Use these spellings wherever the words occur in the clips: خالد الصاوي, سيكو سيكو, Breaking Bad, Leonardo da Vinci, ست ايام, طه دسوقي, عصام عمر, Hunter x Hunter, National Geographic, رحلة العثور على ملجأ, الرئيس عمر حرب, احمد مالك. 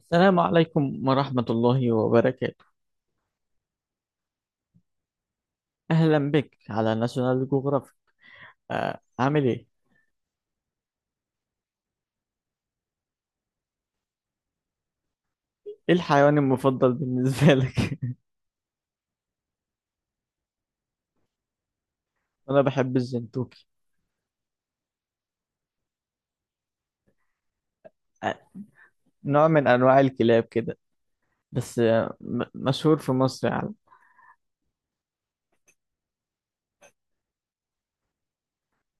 السلام عليكم ورحمة الله وبركاته. أهلا بك على ناشونال جوغرافيك. عامل إيه؟ إيه الحيوان المفضل بالنسبة لك؟ أنا بحب الزنتوكي. آه، نوع من أنواع الكلاب كده. بس مشهور في مصر يعني.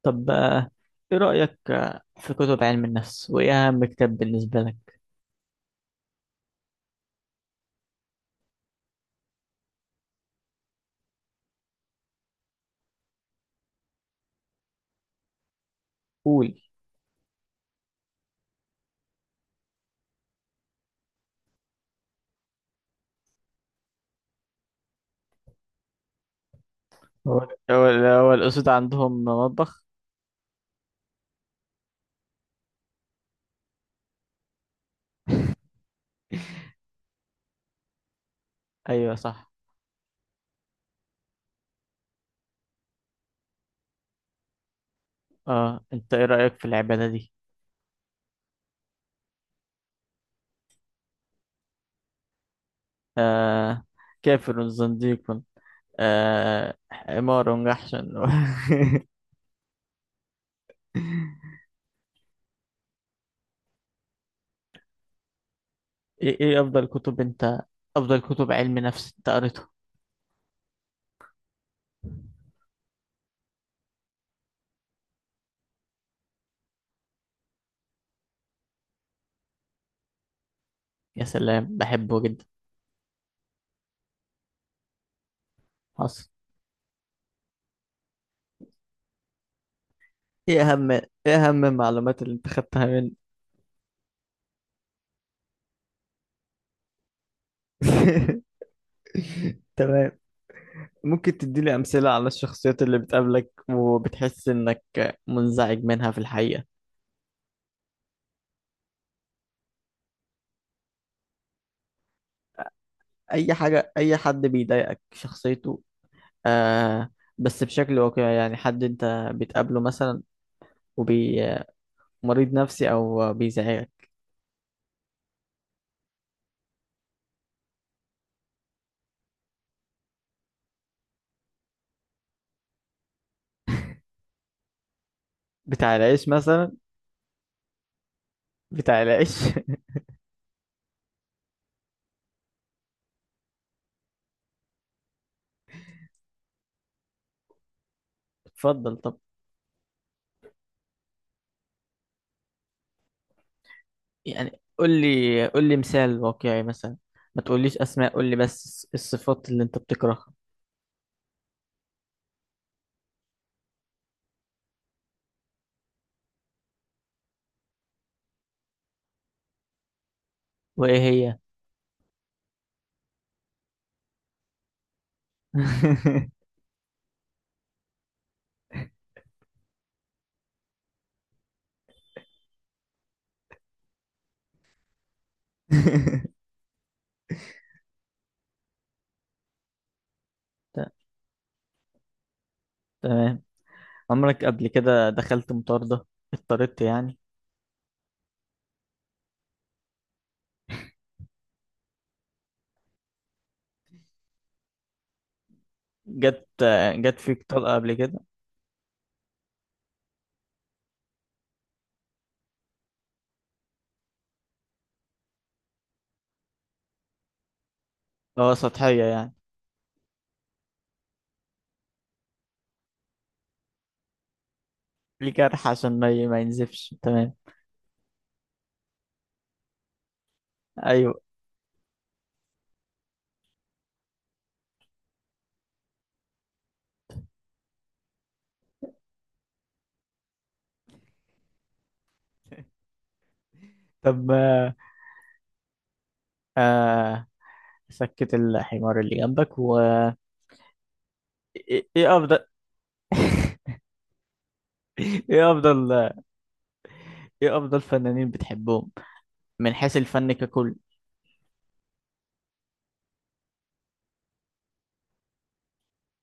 طب إيه رأيك في كتب علم النفس؟ وإيه أهم كتاب بالنسبة لك؟ قول. هو هو هو الأسود عندهم مطبخ؟ أيوه صح. أه أنت إيه رأيك في العبادة دي؟ آه، كافر زنديق. آه عمارة ونجحشن. ايه افضل كتب انت، افضل كتب علم نفس انت قريته؟ يا سلام، بحبه جدا. حصل. ايه اهم المعلومات اللي انت خدتها مني؟ تمام. ممكن تديني امثلة على الشخصيات اللي بتقابلك وبتحس انك منزعج منها في الحقيقة؟ اي حاجة، اي حد بيضايقك شخصيته. آه. بس بشكل واقعي يعني، حد انت بتقابله مثلا وبي مريض نفسي او بيزعجك. بتاع العيش مثلا؟ بتاع العيش. اتفضل طب. يعني قول لي مثال واقعي مثلا، ما تقوليش اسماء، قول لي بس الصفات اللي انت بتكرهها. وايه هي؟ ت- تمام. عمرك قبل كده دخلت مطاردة، اضطريت يعني؟ جت جت فيك طلقة قبل كده؟ اه سطحية يعني، ليه جرح عشان ما ينزفش. تمام. ايوه. طب آه، سكت الحمار اللي جنبك و... ايه افضل ايه افضل ايه افضل فنانين بتحبهم من حيث الفن ككل؟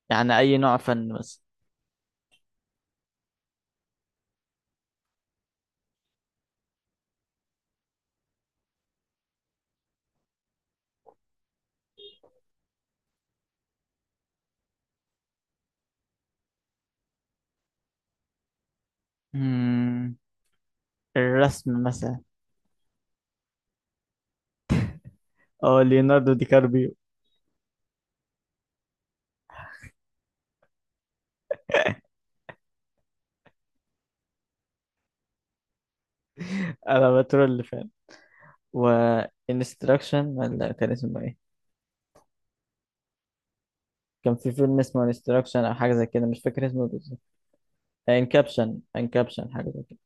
يعني اي نوع فن بس. مم. الرسم مثلا. اه ليوناردو دي كاربيو. انا بترول فان. و انستراكشن، ولا كان اسمه ايه؟ كان في فيلم اسمه انستراكشن او حاجه زي كده، مش فاكر اسمه بالظبط. انكابشن حاجه زي كده.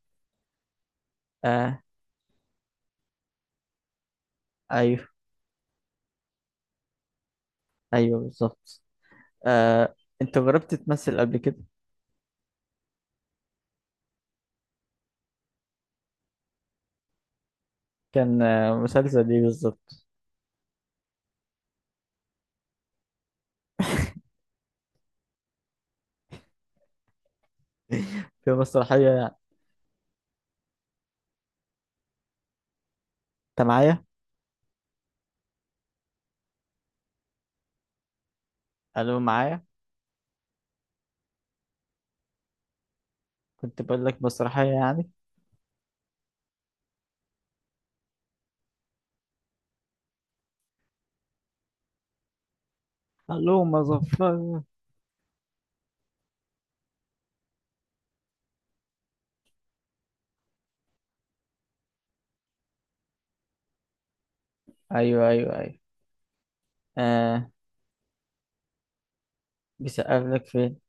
آه. ايوه، ايوه بالظبط. آه. انت جربت تمثل قبل كده؟ كان مسلسل ايه بالظبط؟ في مسرحيه يعني. انت معايا؟ الو معايا. كنت بقول لك مسرحيه يعني. اللهم ظفر. ايوه ايوه ايوه. آه. بيسقف لك فين؟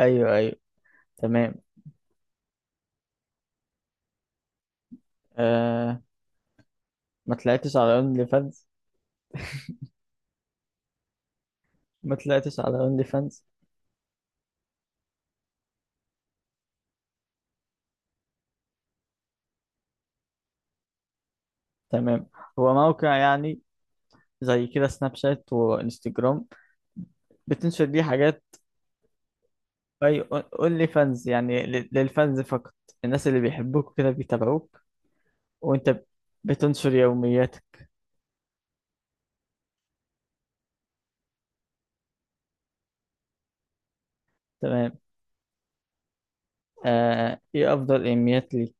ايوه ايوه. تمام. آه. ما طلعتش على اونلي فانز؟ ما طلعتش على اونلي فانز. تمام. هو موقع يعني زي كده سناب شات وانستجرام، بتنشر ليه حاجات. اي. اونلي فانز يعني للفانز فقط، الناس اللي بيحبوك كده بيتابعوك، وانت بتنشر يومياتك. تمام. آه، ايه افضل انميات ليك؟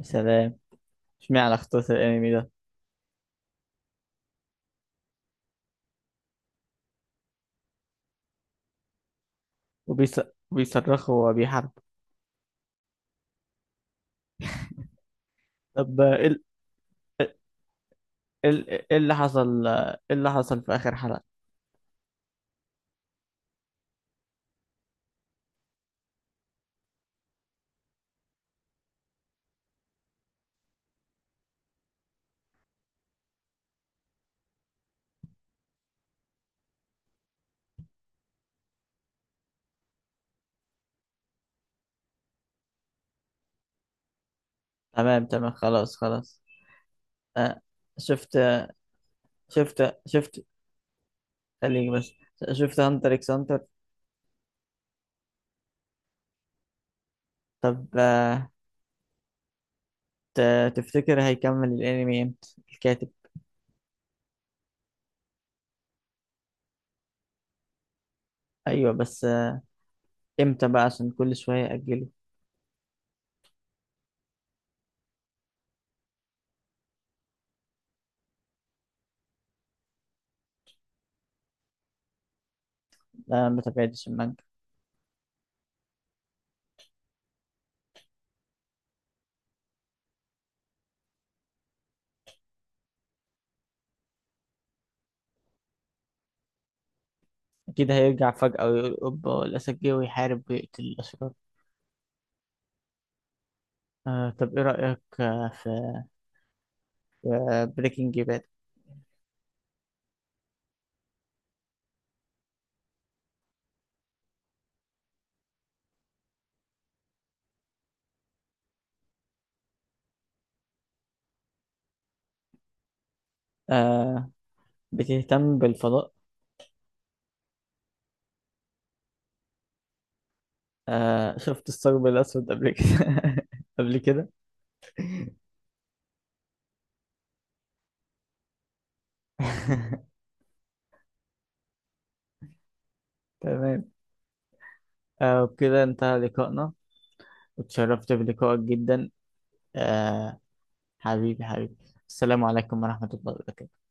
يا سلام. اشمعنى اخترت الانمي ده؟ وبيص- وبيصرخوا وبيحاربوا. طب ايه ال- إيه ال- إيه اللي حصل، ايه اللي حصل في اخر حلقة؟ تمام تمام، خلاص خلاص. آه، شفت شفت شفت خليك بس. شفت هانتر اكس هانتر؟ طب تفتكر هيكمل الانمي امتى الكاتب؟ ايوه بس امتى بقى عشان كل شوية يأجله؟ لا، ما تابعتش المانجا. اكيد هيرجع فجأة ويقول اوبا الاسد جه ويحارب ويقتل الاشرار. آه طب ايه رأيك في بريكنج باد؟ آه. بتهتم بالفضاء؟ آه شفت الثقب الأسود قبل كده؟ قبل كده. تمام. آه، وبكده انتهى لقائنا، وتشرفت بلقائك جدا. آه. حبيبي حبيبي. السلام عليكم ورحمة الله وبركاته.